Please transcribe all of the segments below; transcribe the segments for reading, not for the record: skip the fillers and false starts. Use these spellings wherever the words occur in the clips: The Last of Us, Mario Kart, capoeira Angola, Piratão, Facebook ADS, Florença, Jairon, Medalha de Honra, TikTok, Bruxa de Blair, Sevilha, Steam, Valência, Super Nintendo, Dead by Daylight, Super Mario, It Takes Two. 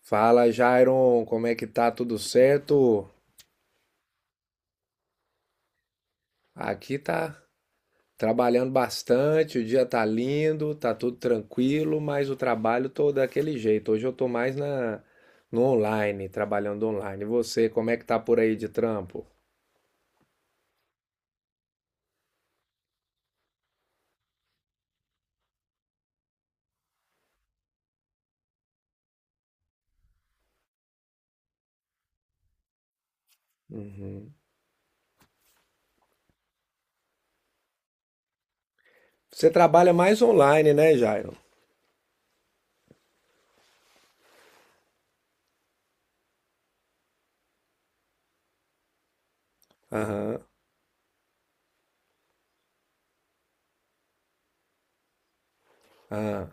Fala, Jairon, como é que tá? Tudo certo? Aqui tá trabalhando bastante, o dia tá lindo, tá tudo tranquilo, mas o trabalho tô daquele jeito. Hoje eu tô mais na no online, trabalhando online. E você, como é que tá por aí de trampo? Você trabalha mais online, né, Jairon? Aham, aham.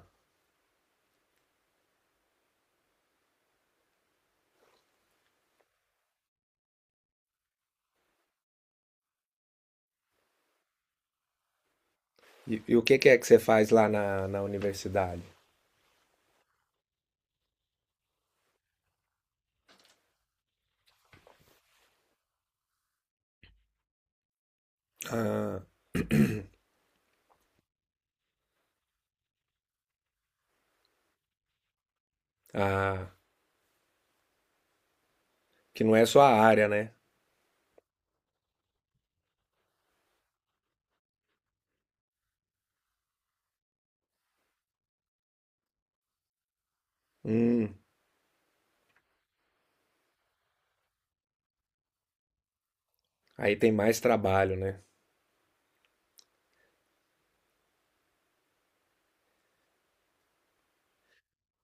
E o que que é que você faz lá na universidade? Ah, ah, que não é sua área, né? Hum, aí tem mais trabalho, né?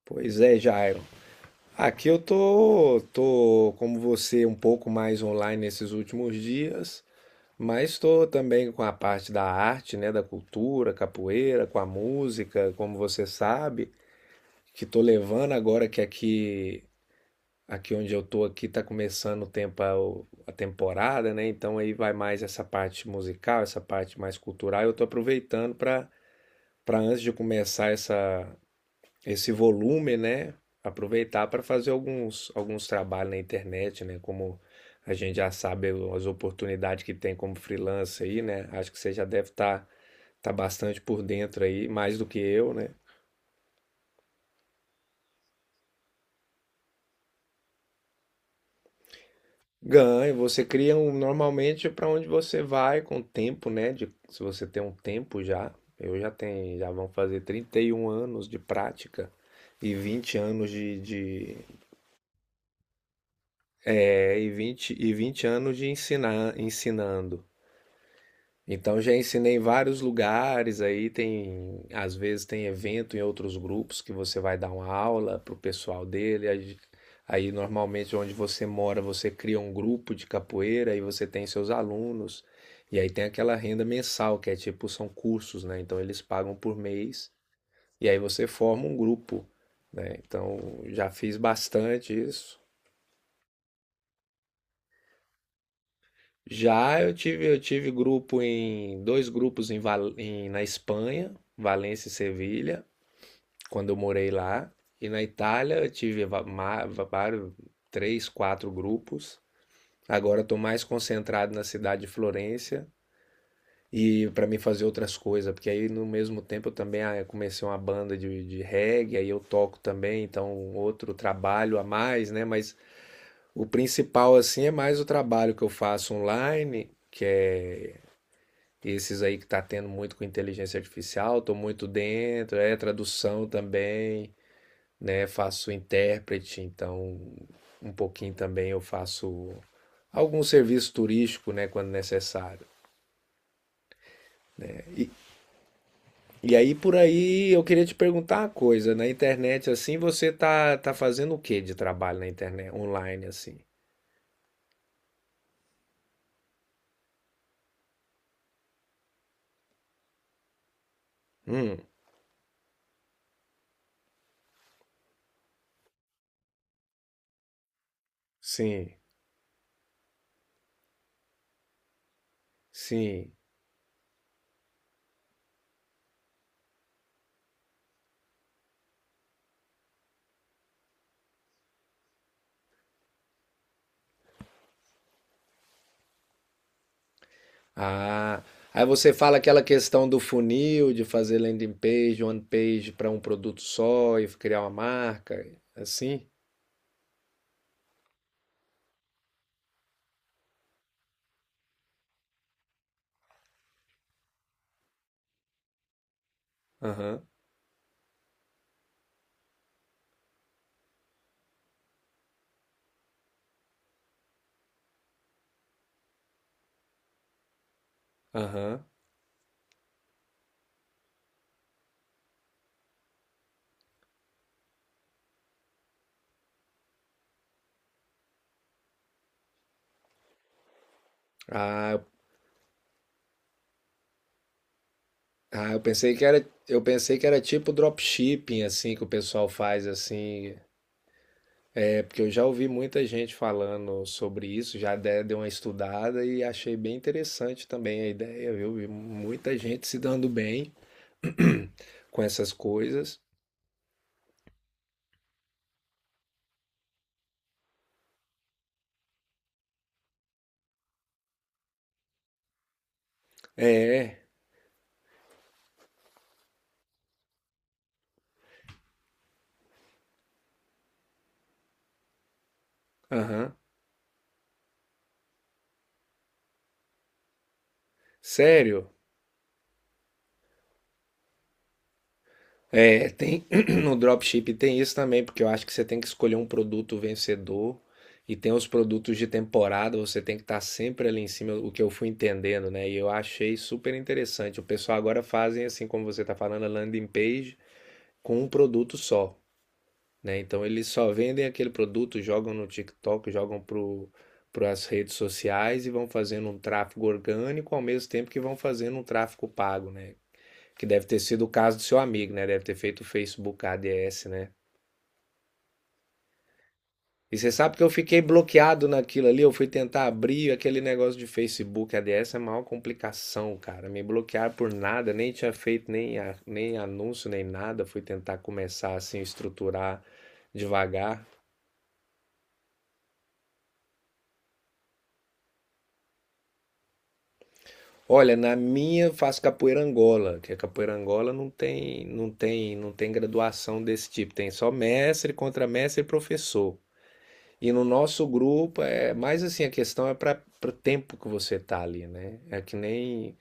Pois é, Jairo. Aqui eu tô como você, um pouco mais online nesses últimos dias, mas estou também com a parte da arte, né, da cultura, capoeira, com a música, como você sabe, que tô levando agora que aqui onde eu tô aqui tá começando o tempo a temporada, né? Então aí vai mais essa parte musical, essa parte mais cultural, eu tô aproveitando para antes de começar essa esse volume, né? Aproveitar para fazer alguns trabalhos na internet, né? Como a gente já sabe as oportunidades que tem como freelancer aí, né? Acho que você já deve estar tá bastante por dentro aí, mais do que eu, né? Ganha, você cria um, normalmente para onde você vai com o tempo, né? Se você tem um tempo já, eu já tenho, já vão fazer 31 anos de prática e 20 anos de é, e 20 anos de ensinando. Então já ensinei em vários lugares aí, tem, às vezes tem evento em outros grupos que você vai dar uma aula pro pessoal dele, aí normalmente onde você mora, você cria um grupo de capoeira e você tem seus alunos. E aí tem aquela renda mensal, que é tipo, são cursos, né? Então eles pagam por mês e aí você forma um grupo, né? Então já fiz bastante isso. Já eu tive grupo em dois grupos na Espanha, Valência e Sevilha, quando eu morei lá. E na Itália eu tive vários, três, quatro grupos. Agora estou mais concentrado na cidade de Florença e para mim fazer outras coisas, porque aí no mesmo tempo eu também eu comecei uma banda de reggae, aí eu toco também, então outro trabalho a mais, né? Mas o principal assim é mais o trabalho que eu faço online, que é esses aí que tá tendo muito com inteligência artificial, tô muito dentro, é tradução também, né? Faço intérprete, então um pouquinho também eu faço algum serviço turístico, né, quando necessário. E aí por aí eu queria te perguntar uma coisa, na internet assim, você tá fazendo o que de trabalho na internet online assim? Hum, sim, sim. Ah, aí você fala aquela questão do funil, de fazer landing page, one page para um produto só e criar uma marca, assim? Aham, aham. Ah, eu- ah, eu pensei que era tipo dropshipping, assim, que o pessoal faz, assim. É porque eu já ouvi muita gente falando sobre isso, já dei uma estudada e achei bem interessante também a ideia, viu? Vi muita gente se dando bem com essas coisas. É, aham. Sério? É, tem no dropshipping tem isso também, porque eu acho que você tem que escolher um produto vencedor e tem os produtos de temporada, você tem que estar sempre ali em cima, o que eu fui entendendo, né? E eu achei super interessante. O pessoal agora fazem assim como você está falando, a landing page com um produto só, né? Então eles só vendem aquele produto, jogam no TikTok, jogam pro para as redes sociais e vão fazendo um tráfego orgânico ao mesmo tempo que vão fazendo um tráfego pago, né? Que deve ter sido o caso do seu amigo, né? Deve ter feito o Facebook ADS, né? E você sabe que eu fiquei bloqueado naquilo ali, eu fui tentar abrir aquele negócio de Facebook ADS, é a maior complicação, cara. Me bloquearam por nada, nem tinha feito nem anúncio, nem nada. Fui tentar começar assim, estruturar devagar. Olha, na minha faço capoeira Angola, que a capoeira Angola não tem graduação desse tipo, tem só mestre, contramestre e professor. E no nosso grupo é mais assim, a questão é para o tempo que você tá ali, né? É que nem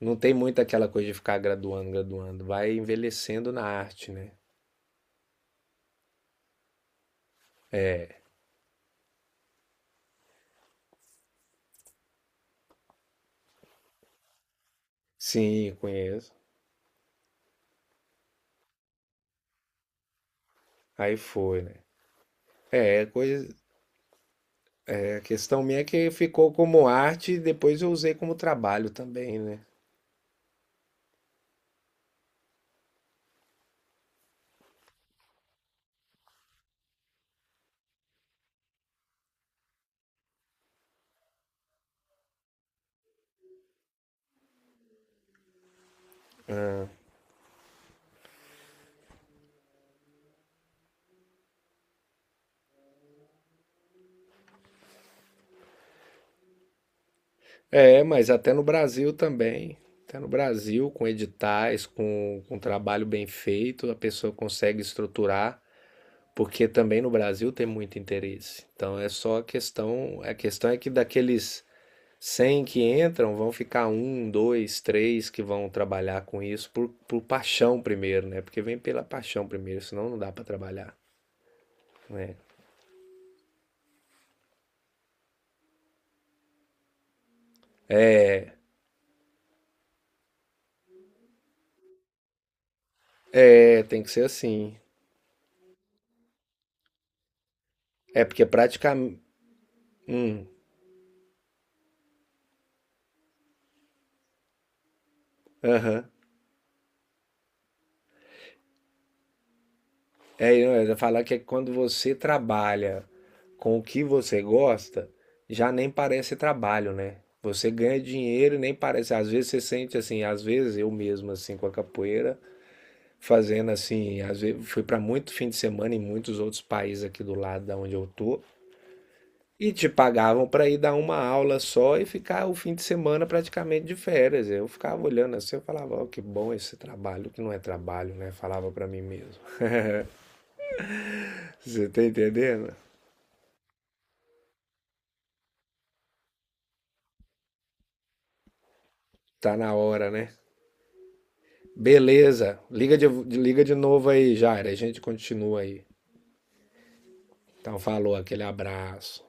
não tem muito aquela coisa de ficar graduando, graduando, vai envelhecendo na arte, né? Sim, conheço. Aí foi, né? É, coisa, é, a questão minha é que ficou como arte e depois eu usei como trabalho também, né? É, mas até no Brasil também. Até no Brasil, com editais, com trabalho bem feito, a pessoa consegue estruturar. Porque também no Brasil tem muito interesse. Então é só a questão é que daqueles 100 que entram, vão ficar um, dois, três que vão trabalhar com isso por paixão primeiro, né? Porque vem pela paixão primeiro, senão não dá para trabalhar, né? É, tem que ser assim. É porque é praticamente, hum, aham. É, eu ia falar que é quando você trabalha com o que você gosta, já nem parece trabalho, né? Você ganha dinheiro e nem parece. Às vezes você sente assim, às vezes eu mesmo, assim, com a capoeira, fazendo assim, às vezes fui para muito fim de semana em muitos outros países aqui do lado da onde eu tô, e te pagavam para ir dar uma aula só e ficar o fim de semana praticamente de férias. Eu ficava olhando assim, eu falava, ó, que bom esse trabalho, que não é trabalho, né? Falava para mim mesmo. Você tá entendendo? Tá na hora, né? Beleza. Liga de novo aí, Jair. A gente continua aí. Então, falou, aquele abraço.